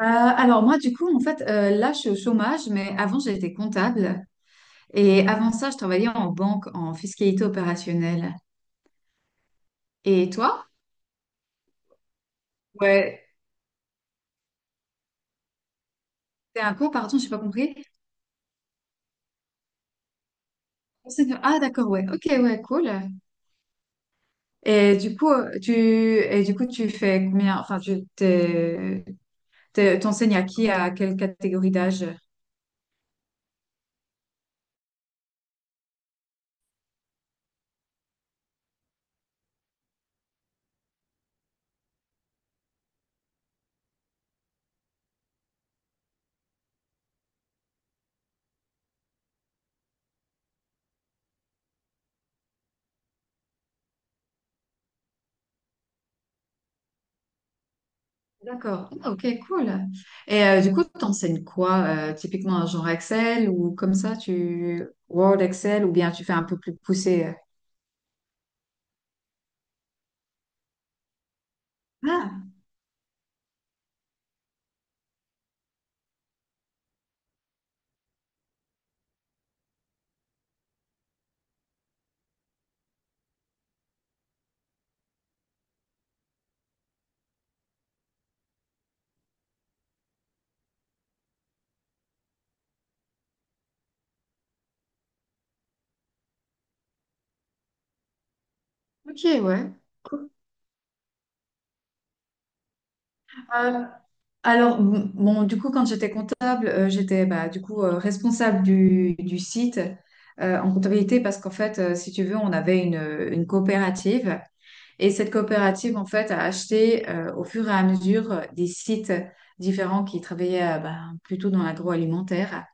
Alors moi, je suis au chômage, mais avant, j'étais comptable. Et avant ça, je travaillais en banque, en fiscalité opérationnelle. Et toi? Ouais. C'est un quoi, pardon, j'ai pas compris. Ah, d'accord, ouais. Ok, ouais, cool. Et du coup, tu, et du coup, tu fais combien? Enfin, t'enseignes à qui, à quelle catégorie d'âge? D'accord. Ah, ok, cool. Et t'enseignes quoi? Typiquement, genre Excel ou comme ça, tu Word, Excel, ou bien tu fais un peu plus poussé? Ah, ok, ouais. Euh, alors, quand j'étais comptable, j'étais responsable du site en comptabilité parce qu'en fait, si tu veux, on avait une coopérative et cette coopérative, en fait, a acheté au fur et à mesure des sites différents qui travaillaient plutôt dans l'agroalimentaire.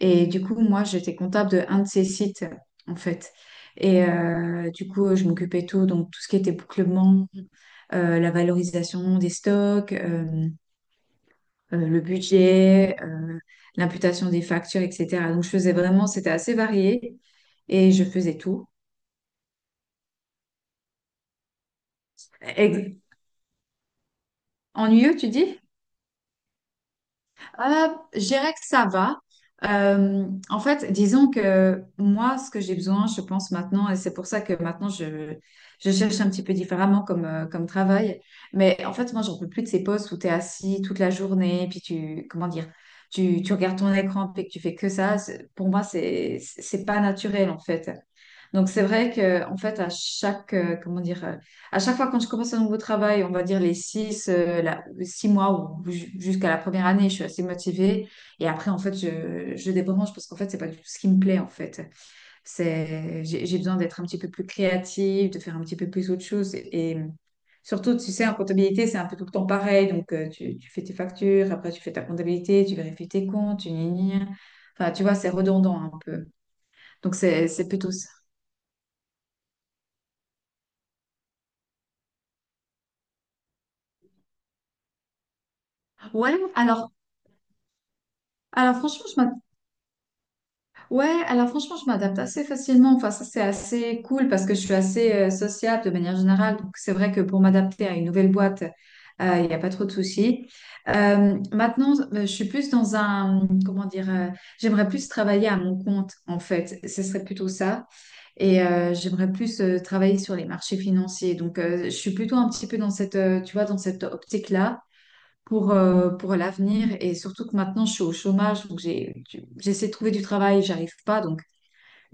Et du coup, moi, j'étais comptable de un de ces sites, en fait. Et je m'occupais de tout, donc tout ce qui était bouclement, la valorisation des stocks, le budget, l'imputation des factures, etc. Donc, je faisais vraiment, c'était assez varié et je faisais tout. Ex- Ennuyeux, tu dis? Euh, je dirais que ça va. En fait, disons que moi, ce que j'ai besoin, je pense maintenant, et c'est pour ça que maintenant je cherche un petit peu différemment comme travail. Mais en fait, moi, j'en peux plus de ces postes où tu es assis toute la journée, comment dire, tu regardes ton écran, puis que tu fais que ça. Pour moi, c'est pas naturel, en fait. Donc, c'est vrai que, en fait, comment dire, à chaque fois quand je commence un nouveau travail, on va dire les six mois ou jusqu'à la première année, je suis assez motivée. Et après, en fait, je débranche parce qu'en fait, c'est pas du tout ce qui me plaît, en fait. J'ai besoin d'être un petit peu plus créative, de faire un petit peu plus autre chose. Et surtout, tu sais, en comptabilité, c'est un peu tout le temps pareil. Donc, tu fais tes factures, après, tu fais ta comptabilité, tu vérifies tes comptes, tu gna gna gna. Enfin, tu vois, c'est redondant un peu. Donc, c'est plutôt ça. Ouais, alors, alors franchement, je m'intéresse Ouais, alors franchement, je m'adapte assez facilement. Enfin, ça, c'est assez cool parce que je suis assez sociable de manière générale. Donc, c'est vrai que pour m'adapter à une nouvelle boîte, il n'y a pas trop de soucis. Maintenant, je suis plus dans un, comment dire, j'aimerais plus travailler à mon compte, en fait. Ce serait plutôt ça. Et j'aimerais plus travailler sur les marchés financiers. Donc, je suis plutôt un petit peu dans cette, tu vois, dans cette optique-là pour l'avenir. Et surtout que maintenant, je suis au chômage, donc j'ai, j'essaie de trouver du travail, j'arrive pas. Donc,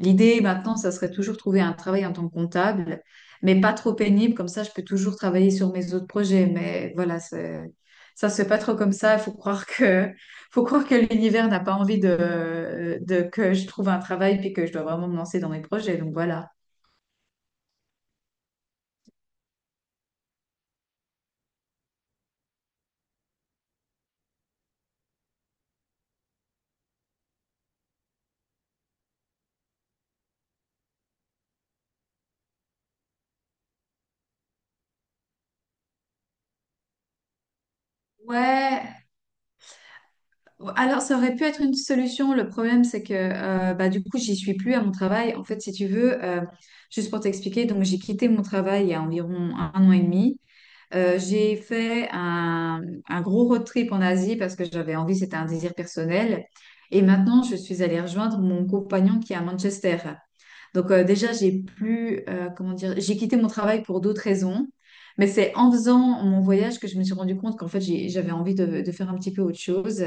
l'idée maintenant, ça serait toujours trouver un travail en tant que comptable, mais pas trop pénible, comme ça je peux toujours travailler sur mes autres projets. Mais voilà, ça se fait pas trop comme ça. Il faut croire que, faut croire que l'univers n'a pas envie de que je trouve un travail puis que je dois vraiment me lancer dans mes projets. Donc voilà. Ouais, alors ça aurait pu être une solution. Le problème, c'est que du coup, j'y suis plus à mon travail. En fait, si tu veux, juste pour t'expliquer, donc j'ai quitté mon travail il y a environ un an et demi. J'ai fait un gros road trip en Asie parce que j'avais envie, c'était un désir personnel. Et maintenant, je suis allée rejoindre mon compagnon qui est à Manchester. Donc déjà, j'ai plus, comment dire, j'ai quitté mon travail pour d'autres raisons. Mais c'est en faisant mon voyage que je me suis rendu compte qu'en fait, j'avais envie de faire un petit peu autre chose.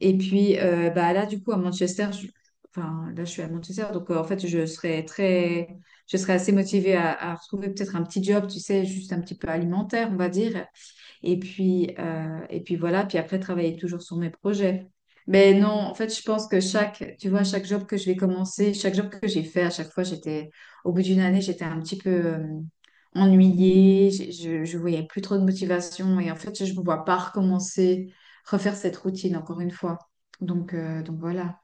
Et puis là, enfin, là, je suis à Manchester, donc en fait, je serais assez motivée à retrouver peut-être un petit job, tu sais, juste un petit peu alimentaire, on va dire, et puis voilà, puis après, travailler toujours sur mes projets. Mais non, en fait, je pense que chaque, tu vois, chaque job que je vais commencer, chaque job que j'ai fait, à chaque fois, j'étais, au bout d'une année, j'étais un petit peu ennuyée, je voyais plus trop de motivation. Et en fait, je ne me vois pas recommencer, refaire cette routine encore une fois. Donc, donc voilà.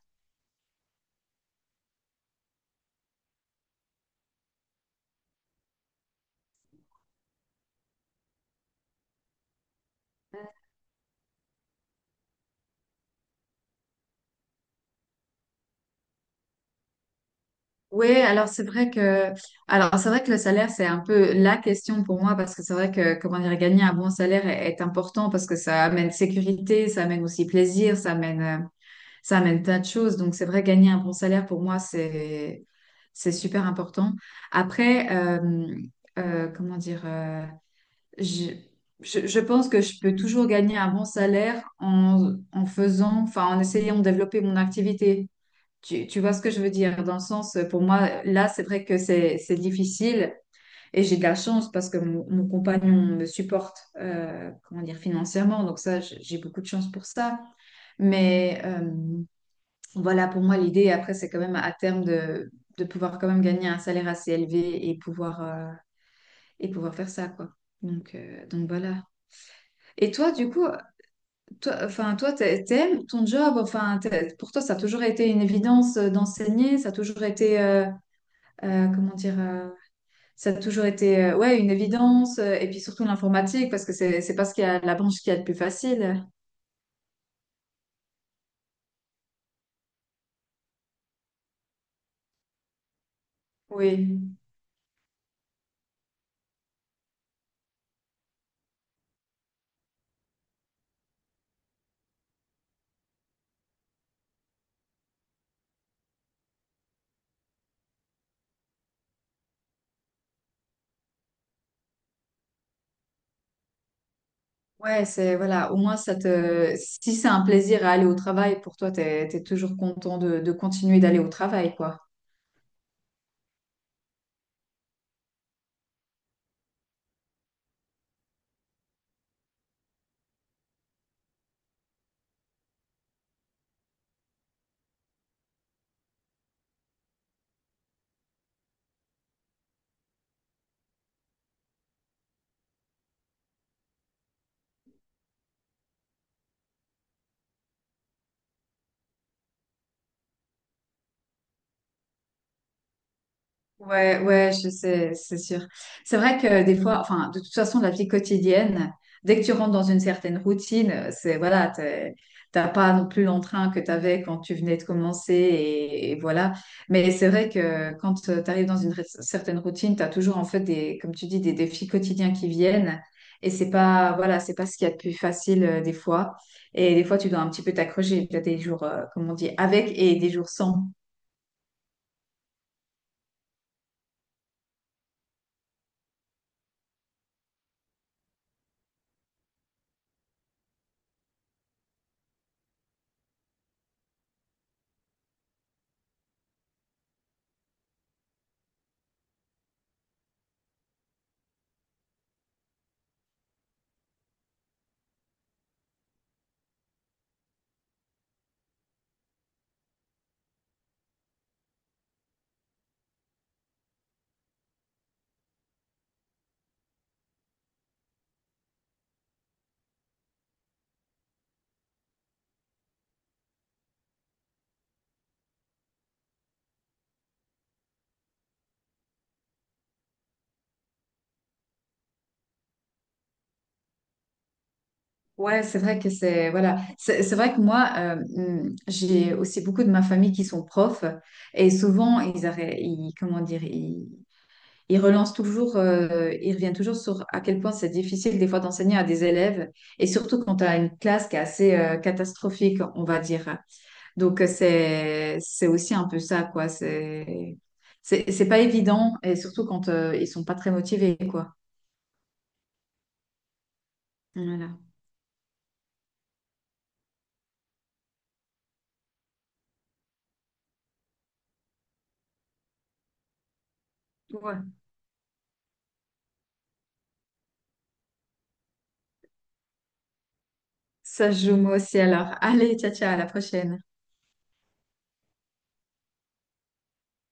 Oui, alors c'est vrai que alors c'est vrai que le salaire c'est un peu la question pour moi parce que c'est vrai que comment dire gagner un bon salaire est important parce que ça amène sécurité, ça amène aussi plaisir, ça amène plein de choses. Donc c'est vrai gagner un bon salaire pour moi c'est super important. Après Comment dire je, je pense que je peux toujours gagner un bon salaire en faisant enfin en essayant de développer mon activité. Tu vois ce que je veux dire? Dans le sens, pour moi, là, c'est vrai que c'est difficile et j'ai de la chance parce que mon compagnon me supporte, comment dire, financièrement. Donc ça, j'ai beaucoup de chance pour ça. Mais voilà, pour moi, l'idée, après, c'est quand même à terme de pouvoir quand même gagner un salaire assez élevé et pouvoir, et pouvoir faire ça, quoi. Donc, donc voilà. Et toi, du coup, toi, enfin, toi, t'aimes ton job? Enfin, pour toi, ça a toujours été une évidence d'enseigner, ça a toujours été comment dire, ça a toujours été ouais, une évidence, et puis surtout l'informatique, parce que c'est pas ce qu'il y a, la branche qui est le plus facile. Oui, ouais, c'est voilà, au moins ça te, si c'est un plaisir à aller au travail, pour toi, t'es toujours content de continuer d'aller au travail, quoi. Ouais, ouais, je sais, c'est sûr. C'est vrai que des fois, enfin, de toute façon, la vie quotidienne, dès que tu rentres dans une certaine routine, c'est voilà, t'as pas non plus l'entrain que tu avais quand tu venais de commencer et voilà. Mais c'est vrai que quand tu arrives dans une certaine routine, tu as toujours en fait des, comme tu dis, des défis quotidiens qui viennent et c'est pas, voilà, c'est pas ce qu'il y a de plus facile des fois. Et des fois, tu dois un petit peu t'accrocher. Tu as des jours, comme on dit, avec et des jours sans. Ouais, c'est vrai que c'est voilà, c'est vrai que moi j'ai aussi beaucoup de ma famille qui sont profs et souvent ils, arrêt- ils comment dire ils, ils relancent toujours ils reviennent toujours sur à quel point c'est difficile des fois d'enseigner à des élèves et surtout quand tu as une classe qui est assez catastrophique on va dire. Donc c'est aussi un peu ça quoi, c'est pas évident et surtout quand ils sont pas très motivés quoi. Voilà. Ouais. Ça joue moi aussi alors. Allez, ciao ciao, à la prochaine.